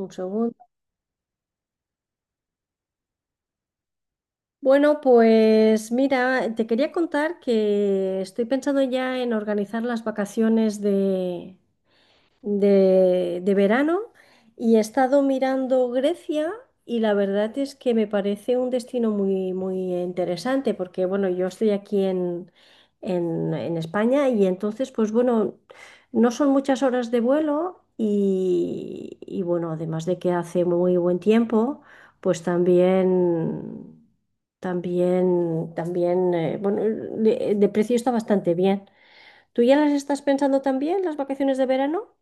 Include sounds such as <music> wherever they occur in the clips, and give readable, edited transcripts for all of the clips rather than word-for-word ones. Un segundo. Bueno, pues mira, te quería contar que estoy pensando ya en organizar las vacaciones de verano y he estado mirando Grecia, y la verdad es que me parece un destino muy, muy interesante porque, bueno, yo estoy aquí en España y entonces, pues bueno, no son muchas horas de vuelo y bueno, además de que hace muy buen tiempo, pues también. Bueno, de precio está bastante bien. ¿Tú ya las estás pensando también, las vacaciones de verano?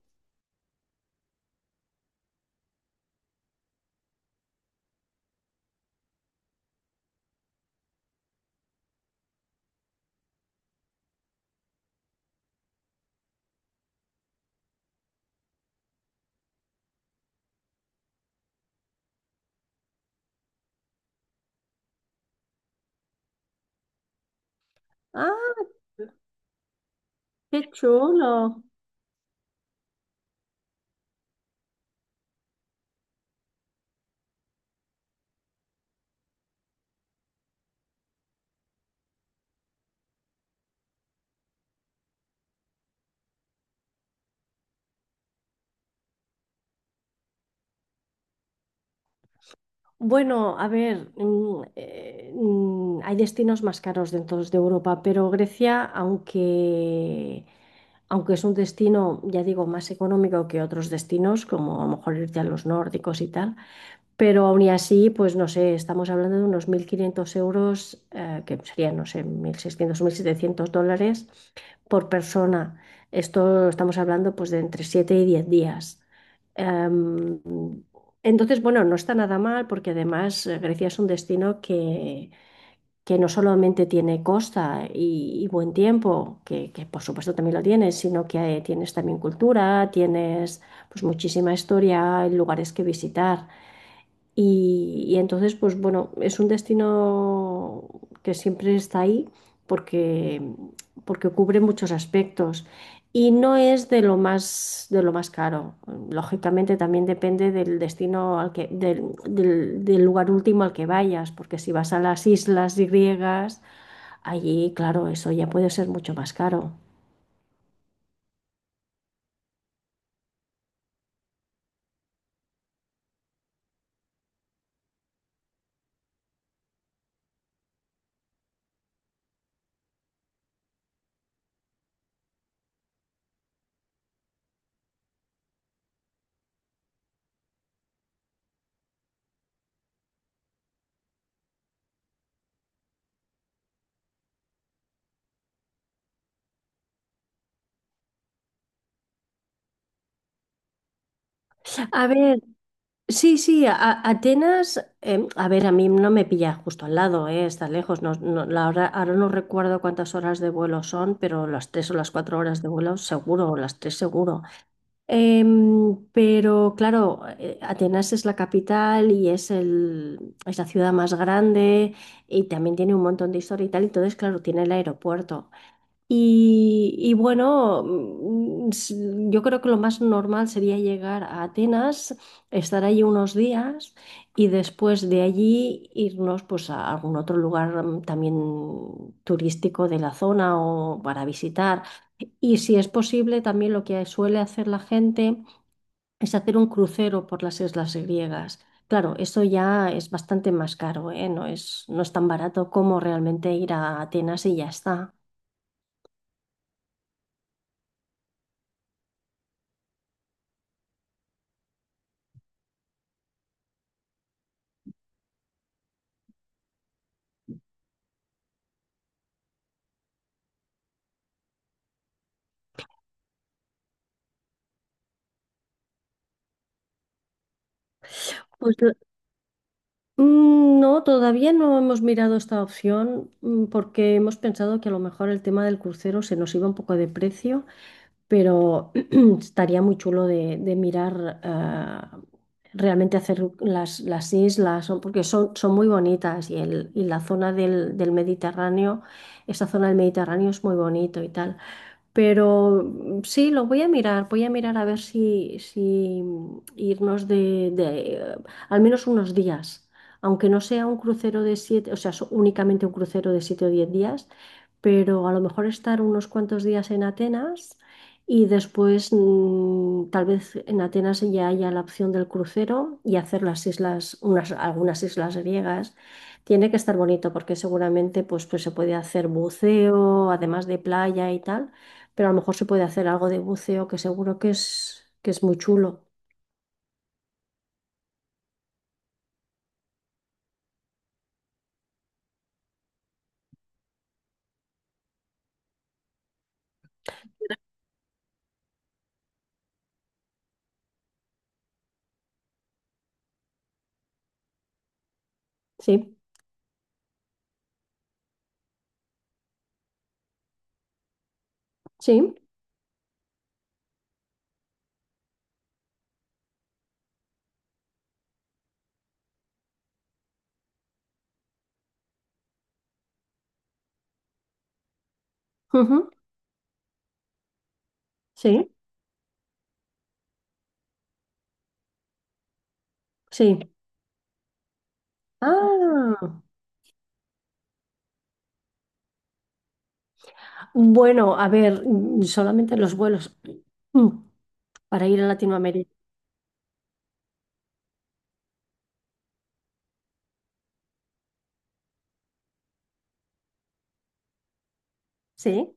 Ah, qué chulo. Bueno, a ver, hay destinos más caros dentro de Europa, pero Grecia, aunque es un destino, ya digo, más económico que otros destinos, como a lo mejor irte a los nórdicos y tal, pero aún y así, pues no sé, estamos hablando de unos 1.500 euros, que serían, no sé, 1.600 o 1.700 dólares por persona. Esto estamos hablando pues de entre 7 y 10 días. Em, entonces, bueno, no está nada mal porque además Grecia es un destino que no solamente tiene costa y buen tiempo, que por supuesto también lo tienes, sino que tienes también cultura, tienes pues muchísima historia, lugares que visitar. Y entonces, pues bueno, es un destino que siempre está ahí porque, porque cubre muchos aspectos y no es de lo más caro. Lógicamente también depende del destino al que, del, del- del lugar último al que vayas, porque si vas a las islas griegas, allí, claro, eso ya puede ser mucho más caro. A ver, sí, sí, Atenas, a ver, a mí no me pilla justo al lado, está lejos, ahora no recuerdo cuántas horas de vuelo son, pero las tres o las cuatro horas de vuelo seguro, o las tres seguro. Pero claro, Atenas es la capital y es la ciudad más grande, y también tiene un montón de historia y tal, entonces claro, tiene el aeropuerto. Y bueno, yo creo que lo más normal sería llegar a Atenas, estar allí unos días, y después de allí irnos pues a algún otro lugar también turístico de la zona o para visitar. Y si es posible, también lo que suele hacer la gente es hacer un crucero por las islas griegas. Claro, eso ya es bastante más caro, ¿eh? No es tan barato como realmente ir a Atenas y ya está. Pues, no, todavía no hemos mirado esta opción, porque hemos pensado que a lo mejor el tema del crucero se nos iba un poco de precio, pero <clears throat> estaría muy chulo de mirar ah, realmente hacer las islas, porque son, son muy bonitas, y la zona del Mediterráneo, esa zona del Mediterráneo es muy bonito y tal. Pero sí, lo voy a mirar a ver si irnos eh, al menos unos días, aunque no sea un crucero de siete, únicamente un crucero de 7 o 10 días, pero a lo mejor estar unos cuantos días en Atenas y después tal vez en Atenas ya haya la opción del crucero y hacer las islas, algunas islas griegas. Tiene que estar bonito porque seguramente pues se puede hacer buceo, además de playa y tal, pero a lo mejor se puede hacer algo de buceo que seguro que que es muy chulo. Sí, sí, ujú, sí, sí. Ah, bueno, a ver, solamente los vuelos, mm, para ir a Latinoamérica. Sí,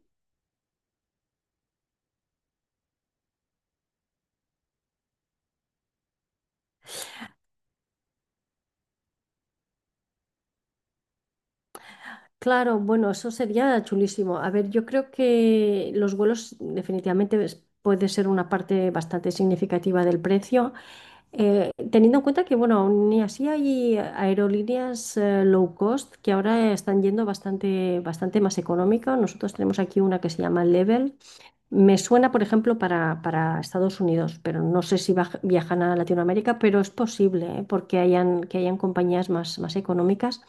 claro, bueno, eso sería chulísimo. A ver, yo creo que los vuelos definitivamente puede ser una parte bastante significativa del precio. Teniendo en cuenta que, bueno, aún y así hay aerolíneas low cost que ahora están yendo bastante, bastante más económica. Nosotros tenemos aquí una que se llama Level. Me suena, por ejemplo, para Estados Unidos, pero no sé si viajan a Latinoamérica, pero es posible, ¿eh? Porque hayan, que hayan compañías más, más económicas.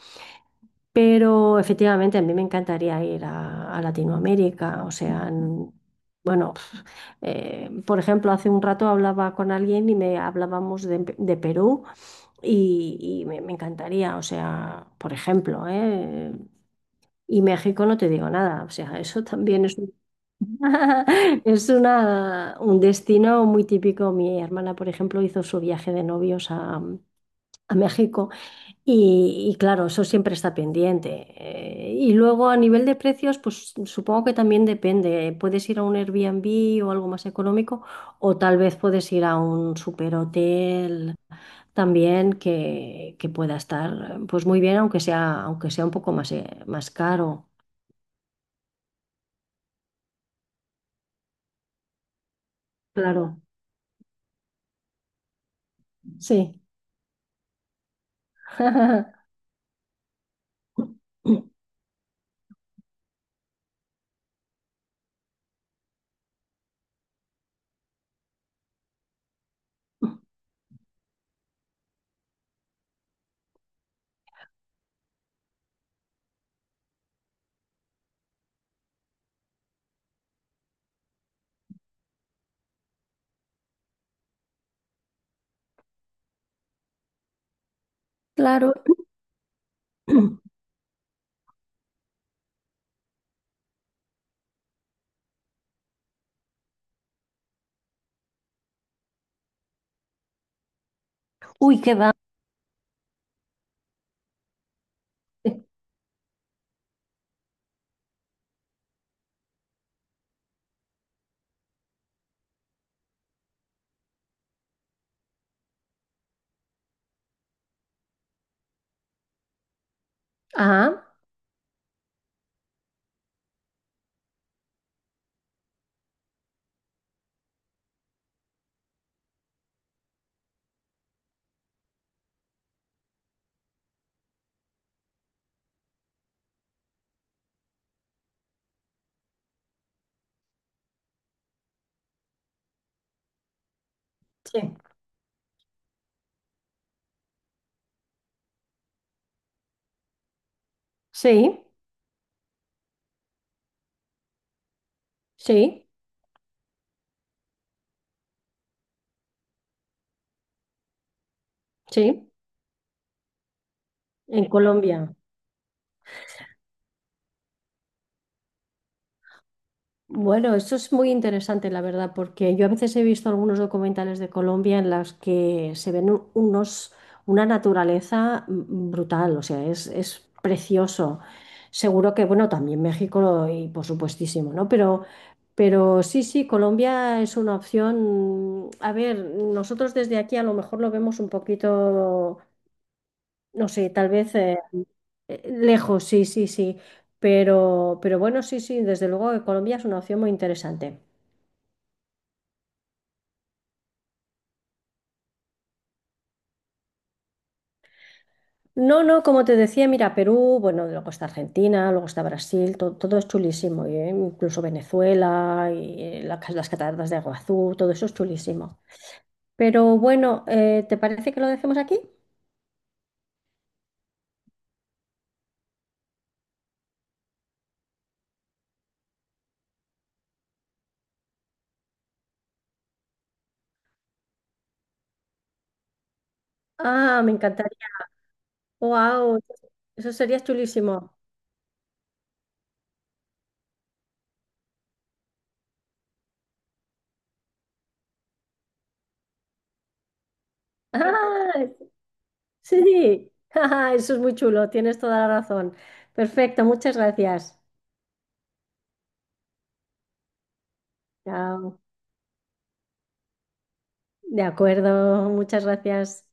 Pero efectivamente a mí me encantaría ir a Latinoamérica, o sea, bueno, <laughs> pf, por ejemplo, hace un rato hablaba con alguien y me hablábamos de, de Perú, me encantaría, o sea, por ejemplo, ¿eh? Y México no te digo nada, o sea, <laughs> eso también es un, <laughs> es una, un destino muy típico. Mi hermana, por ejemplo, hizo su viaje de novios a México. Y claro, eso siempre está pendiente. Y luego a nivel de precios, pues supongo que también depende. Puedes ir a un Airbnb o algo más económico, o tal vez puedes ir a un superhotel también que pueda estar pues muy bien, aunque sea un poco más, más caro. Claro, sí. <laughs> Claro. <clears throat> Uy, qué va. Ah, sí. Sí, sí, sí. En Colombia. Bueno, eso es muy interesante, la verdad, porque yo a veces he visto algunos documentales de Colombia en las que se ven una naturaleza brutal, o sea, es precioso. Seguro que, bueno, también México y por supuestísimo, ¿no? Pero sí, sí, Colombia es una opción. A ver, nosotros desde aquí a lo mejor lo vemos un poquito, no sé, tal vez lejos, sí, sí, sí. Pero bueno, sí, sí, desde luego que Colombia es una opción muy interesante. No, no, como te decía, mira, Perú, bueno, luego está Argentina, luego está Brasil, todo es chulísimo, y, incluso Venezuela y la las cataratas de Iguazú, todo eso es chulísimo. Pero bueno, ¿te parece que lo dejemos aquí? Ah, me encantaría. ¡Wow! Eso sería chulísimo. ¡Ah! Sí, <laughs> ¡ah! Eso es muy chulo, tienes toda la razón. Perfecto, muchas gracias. Chao. De acuerdo, muchas gracias.